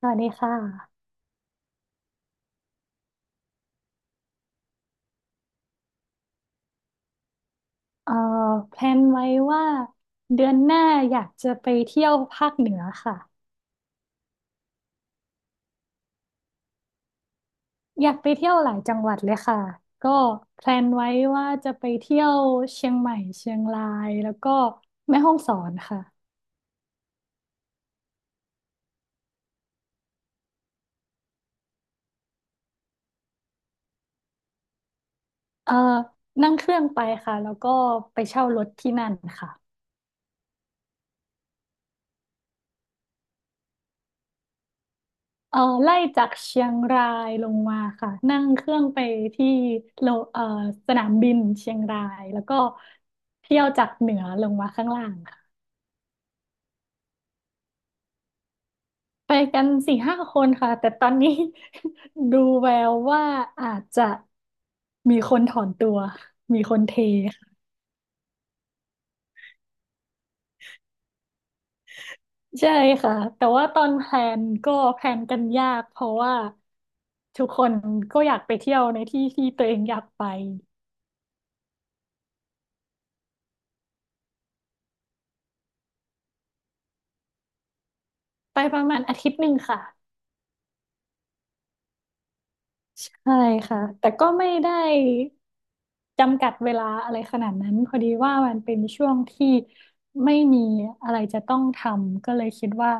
สวัสดีค่ะเอ่อแพลนไว้ว่าเดือนหน้าอยากจะไปเที่ยวภาคเหนือค่ะอยากไปเที่ยวหลายจังหวัดเลยค่ะก็แพลนไว้ว่าจะไปเที่ยวเชียงใหม่เชียงรายแล้วก็แม่ฮ่องสอนค่ะเอ่อนั่งเครื่องไปค่ะแล้วก็ไปเช่ารถที่นั่นค่ะไล่จากเชียงรายลงมาค่ะนั่งเครื่องไปที่โลเอ่อสนามบินเชียงรายแล้วก็เที่ยวจากเหนือลงมาข้างล่างค่ะ ไปกันสี่ห้าคนค่ะแต่ตอนนี้ ดูแววว่าอาจจะมีคนถอนตัวมีคนเทค่ะใช่ค่ะแต่ว่าตอนแพลนก็แพลนกันยากเพราะว่าทุกคนก็อยากไปเที่ยวในที่ที่ตัวเองอยากไปไปประมาณอาทิตย์หนึ่งค่ะใช่ค่ะแต่ก็ไม่ได้จำกัดเวลาอะไรขนาดนั้นพอดีว่ามันเป็นช่วงที่ไม่มีอะไรจะต้องทำก็เลยคิดว่า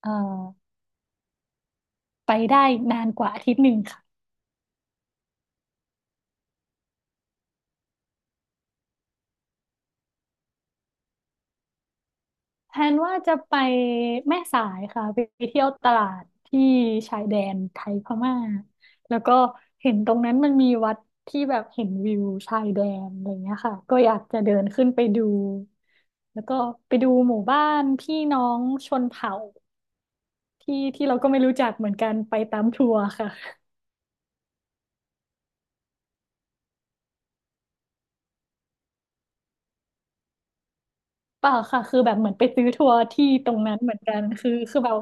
เอ่อ ไปได้นานกว่าอาทิตย์หนึ่งค่ะแทนว่าจะไปแม่สายค่ะไปเที่ยวตลาดที่ชายแดนไทยพม่าแล้วก็เห็นตรงนั้นมันมีวัดที่แบบเห็นวิวชายแดนอะไรเงี้ยค่ะก็อยากจะเดินขึ้นไปดูแล้วก็ไปดูหมู่บ้านพี่น้องชนเผ่าที่ที่เราก็ไม่รู้จักเหมือนกันไปตามทัวร์ค่ะเปล่าค่ะคือแบบเหมือนไปซื้อทัวร์ที่ตรงนั้นเหมือนกันคือแบบ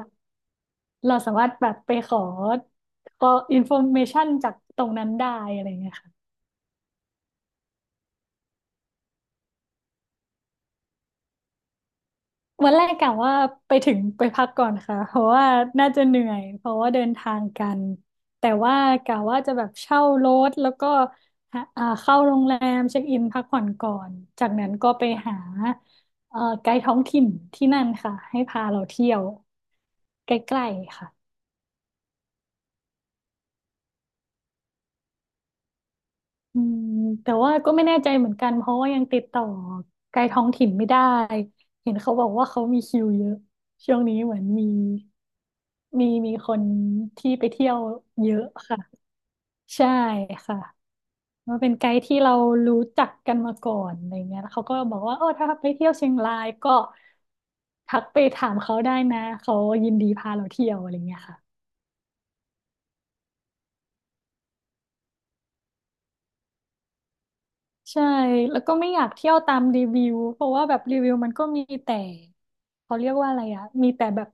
เราสามารถแบบไปขอขออินโฟเมชันจากตรงนั้นได้อะไรเงี้ยค่ะวันแรกกะว่าไปถึงไปพักก่อนค่ะเพราะว่าน่าจะเหนื่อยเพราะว่าเดินทางกันแต่ว่ากะว่าจะแบบเช่ารถแล้วก็หาเข้าโรงแรมเช็คอินพักผ่อนก่อนจากนั้นก็ไปหาไกด์ท้องถิ่นที่นั่นค่ะให้พาเราเที่ยวใกล้ๆค่ะ อืมแต่ว่าก็ไม่แน่ใจเหมือนกันเพราะว่ายังติดต่อไกลท้องถิ่นไม่ได้เห็นเขาบอกว่าเขามีคิวเยอะช่วงนี้เหมือนมีมีคนที่ไปเที่ยวเยอะค่ะใช่ค่ะมันเป็นไกด์ที่เรารู้จักกันมาก่อนอะไรเงี้ยแล้วเขาก็บอกว่าโอ้ถ้าไปเที่ยวเชียงรายก็ทักไปถามเขาได้นะเขายินดีพาเราเที่ยวอะไรเงี้ยค่ะ ใช่แล้วก็ไม่อยากเที่ยวตามรีวิวเพราะว่าแบบรีวิวมันก็มีแต่เขาเรียกว่าอะไรอะมีแต่แบบ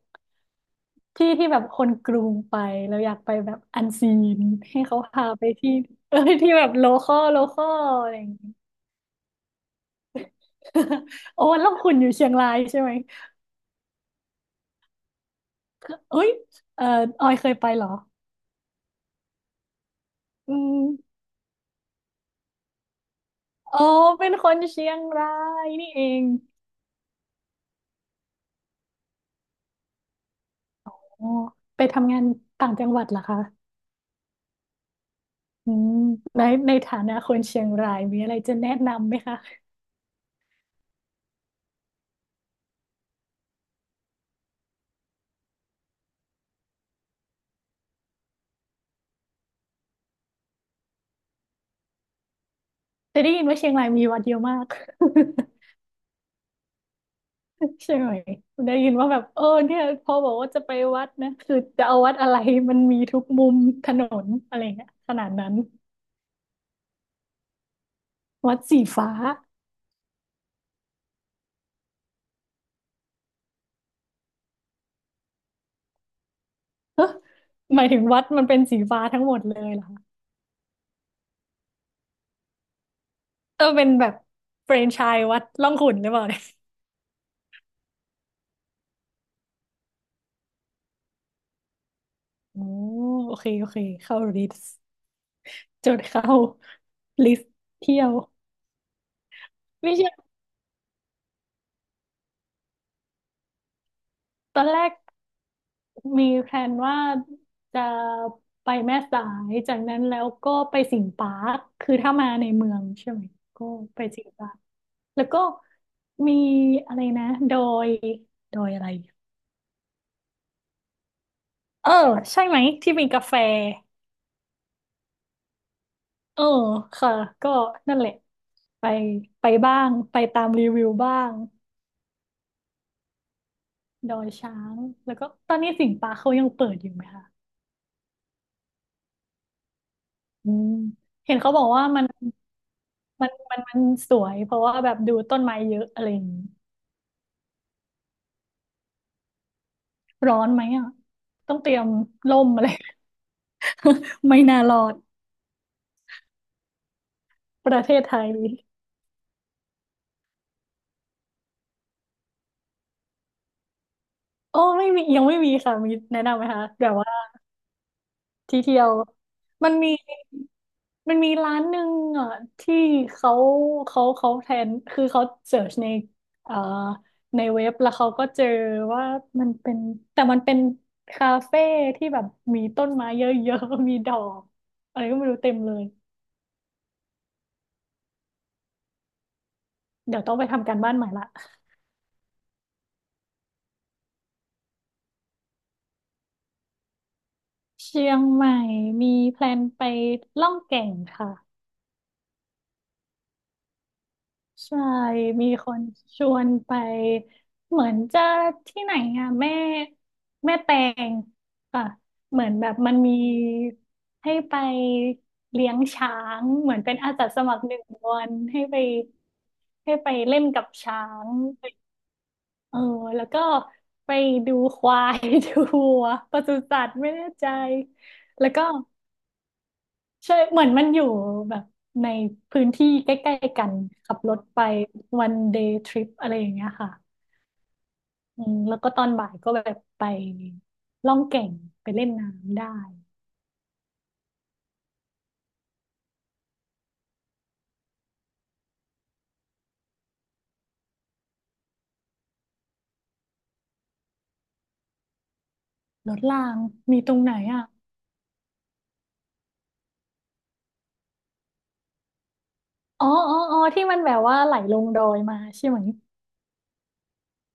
ที่ที่แบบคนกรุงไปแล้วอยากไปแบบอันซีนให้เขาพาไปที่เออที่แบบโลคอลโลคอลอะไรอย่างงี้ โอ้แล้วคุณอยู่เชียงรายใช่ไหมเอ้ยเออออยเคยไปเหรอ อืมอ๋อเป็นคนเชียงรายนี่เองอ๋อไปทำงานต่างจังหวัดเหรอคะอืมในในฐานะคนเชียงรายมีอะไรจะแนะนำไหมคะ แต่ได้ยินว่าเชียงรายมีวัดเยอะมาก ใช่ไหมได้ยินว่าแบบเออเนี่ยพอบอกว่าจะไปวัดนะคือจะเอาวัดอะไรมันมีทุกมุมถนนอะไรเงี้ยขนาดนั้นวัดสีฟ้าหมายถึงวัดมันเป็นสีฟ้าทั้งหมดเลยเหรอคะเออเป็นแบบแฟรนไชส์วัดร่องขุ่นหรือเปล่าเนี่ยโอ้โอเคโอเคเข้าลิสต์จดเข้าลิสต์เที่ยวไม่ใช่ตอนแรก มีแพลนว่าจะไปแม่สายจากนั้นแล้วก็ไปสิงห์ปาร์คคือถ้ามาในเมืองใช่ไหมก็ไปสิงห์ปาร์คแล้วก็มีอะไรนะดอยดอยอะไรเออใช่ไหมที่มีกาแฟเออค่ะก็นั่นแหละไปไปบ้างไปตามรีวิวบ้างดอยช้างแล้วก็ตอนนี้สิงห์ปาร์คเขายังเปิดอยู่ไหมคะอืมเห็นเขาบอกว่ามันมันสวยเพราะว่าแบบดูต้นไม้เยอะอะไรอย่างนี้ ร้อนไหมอ่ะต้องเตรียมร่มอะไร ไม่น่ารอดประเทศไทยโอ้ไม่มียังไม่มีค่ะ มีแนะนำไหมคะ แบบว่าที่เที่ยวมันมีมีร้านหนึ่งอ่ะที่เขาเขาแทน คือเขาเสิร์ชในเอ่อในเว็บแล้วเขาก็เจอว่ามันเป็น แต่มันเป็นคาเฟ่ที่แบบมีต้นไม้เยอะๆ มีดอกอะไรก็ไม่รู้เต็มเลย เดี๋ยวต้องไปทำการบ้านใหม่ละ เชียงใหม่มีแพลนไปล่องแก่งค่ะใช่มีคนชวนไปเหมือนจะที่ไหนอ่ะแม่แตงค่ะเหมือนแบบมันมีให้ไปเลี้ยงช้างเหมือนเป็นอาสาสมัครหนึ่งวันให้ไปเล่นกับช้างเออแล้วก็ไปดูควาย ดูวัวปศุสัตว์ไม่แน่ใจแล้วก็ ใช่เหมือนมันอยู่แบบในพื้นที่ใกล้ๆกันขับรถไปวันเดย์ทริปอะไรอย่างเงี้ยค่ะอืมแล้วก็ตอนบ่ายก็แบบไปล่องแก่งไปเล่นน้ำได้รถรางมีตรงไหนอ่ะอ๋ออ๋ออ๋อที่มันแบบว่าไหลลงดอยมาใช่ไหม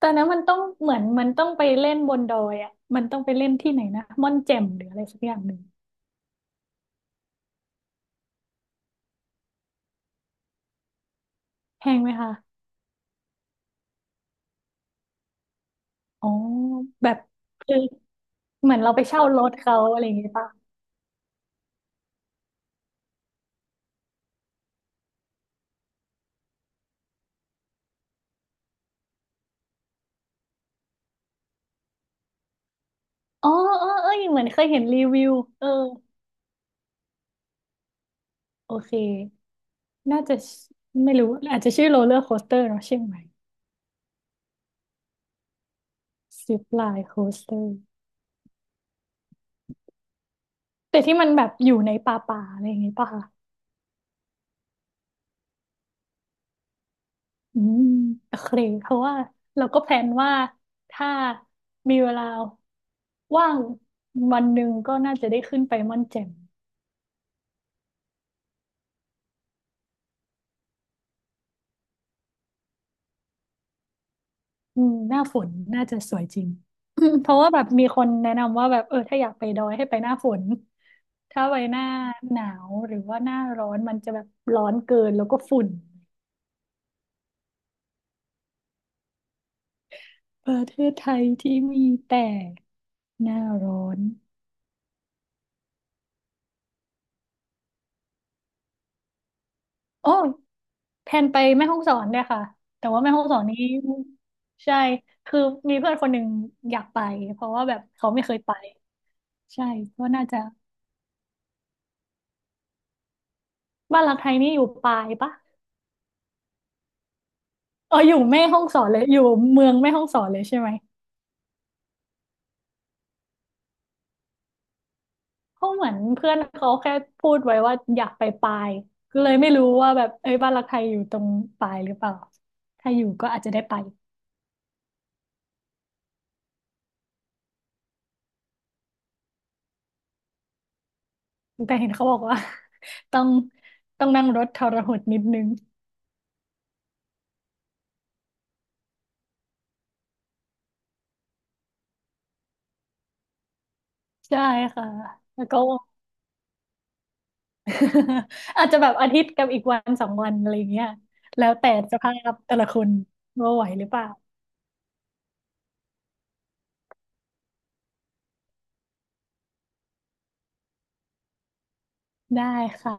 ตอนนั้นมันต้องเหมือนมันต้องไปเล่นบนดอยอ่ะมันต้องไปเล่นที่ไหนนะม่อนแจ่มหรืออะไรสักอย่างหนึ่งแพงไหมคะอ๋อแบบคือเหมือนเราไปเช่ารถเขาอะไรอย่างเงี้ยปะ อ๋อเออเออเหมือนเคยเห็นรีวิวเออโอเค น่าจะไม่รู้ อาจจะชื่อโรลเลอร์โคสเตอร์เนาะใช่ไหมซิปไลน์โคสเตอร์แต่ที่มันแบบอยู่ในป่าป่าอะไรอย่างงี้ป่ะคะอืมโอเค เพราะว่าเราก็แพลนว่าถ้ามีเวลาว่างวันหนึ่งก็น่าจะได้ขึ้นไปม่อนแจ่มอืมหน้าฝนน่าจะสวยจริง เพราะว่าแบบมีคนแนะนำว่าแบบเออถ้าอยากไปดอยให้ไปหน้าฝน ถ้าไปหน้าหนาวหรือว่าหน้าร้อนมันจะแบบร้อนเกินแล้วก็ฝุ่นประเทศไทยที่มีแต่หน้าร้อนโอ้อแพลนไปแม่ฮ่องสอนเนี่ยค่ะแต่ว่าแม่ฮ่องสอนนี้ใช่คือมีเพื่อนคนหนึ่งอยากไปเพราะว่าแบบเขาไม่เคยไปใช่ก็น่าจะบ้านหลักไทยนี่อยู่ปายปะเอออยู่แม่ฮ่องสอนเลยอยู่เมืองแม่ฮ่องสอนเลยใช่ไหม เขาเหมือนเพื่อนเขาแค่พูดไว้ว่าอยากไปปลายก็เลยไม่รู้ว่าแบบเอ้ยบ้านรักไทยอยู่ตรงปลายหรือเปล่าถ้าอยู่ก็อาจจะได้ไปแต่เห็นเขาบอกว่า ต้องต้องนั่งรถทรหดนิดนึงใช่ค่ะแล้วก็ อาจจะแบบอาทิตย์กับอีกวันสองวันอะไรอย่างเงี้ยแล้วแต่สภาพแต่ละคนว่าไหวหรือเปล่าได้ค่ะ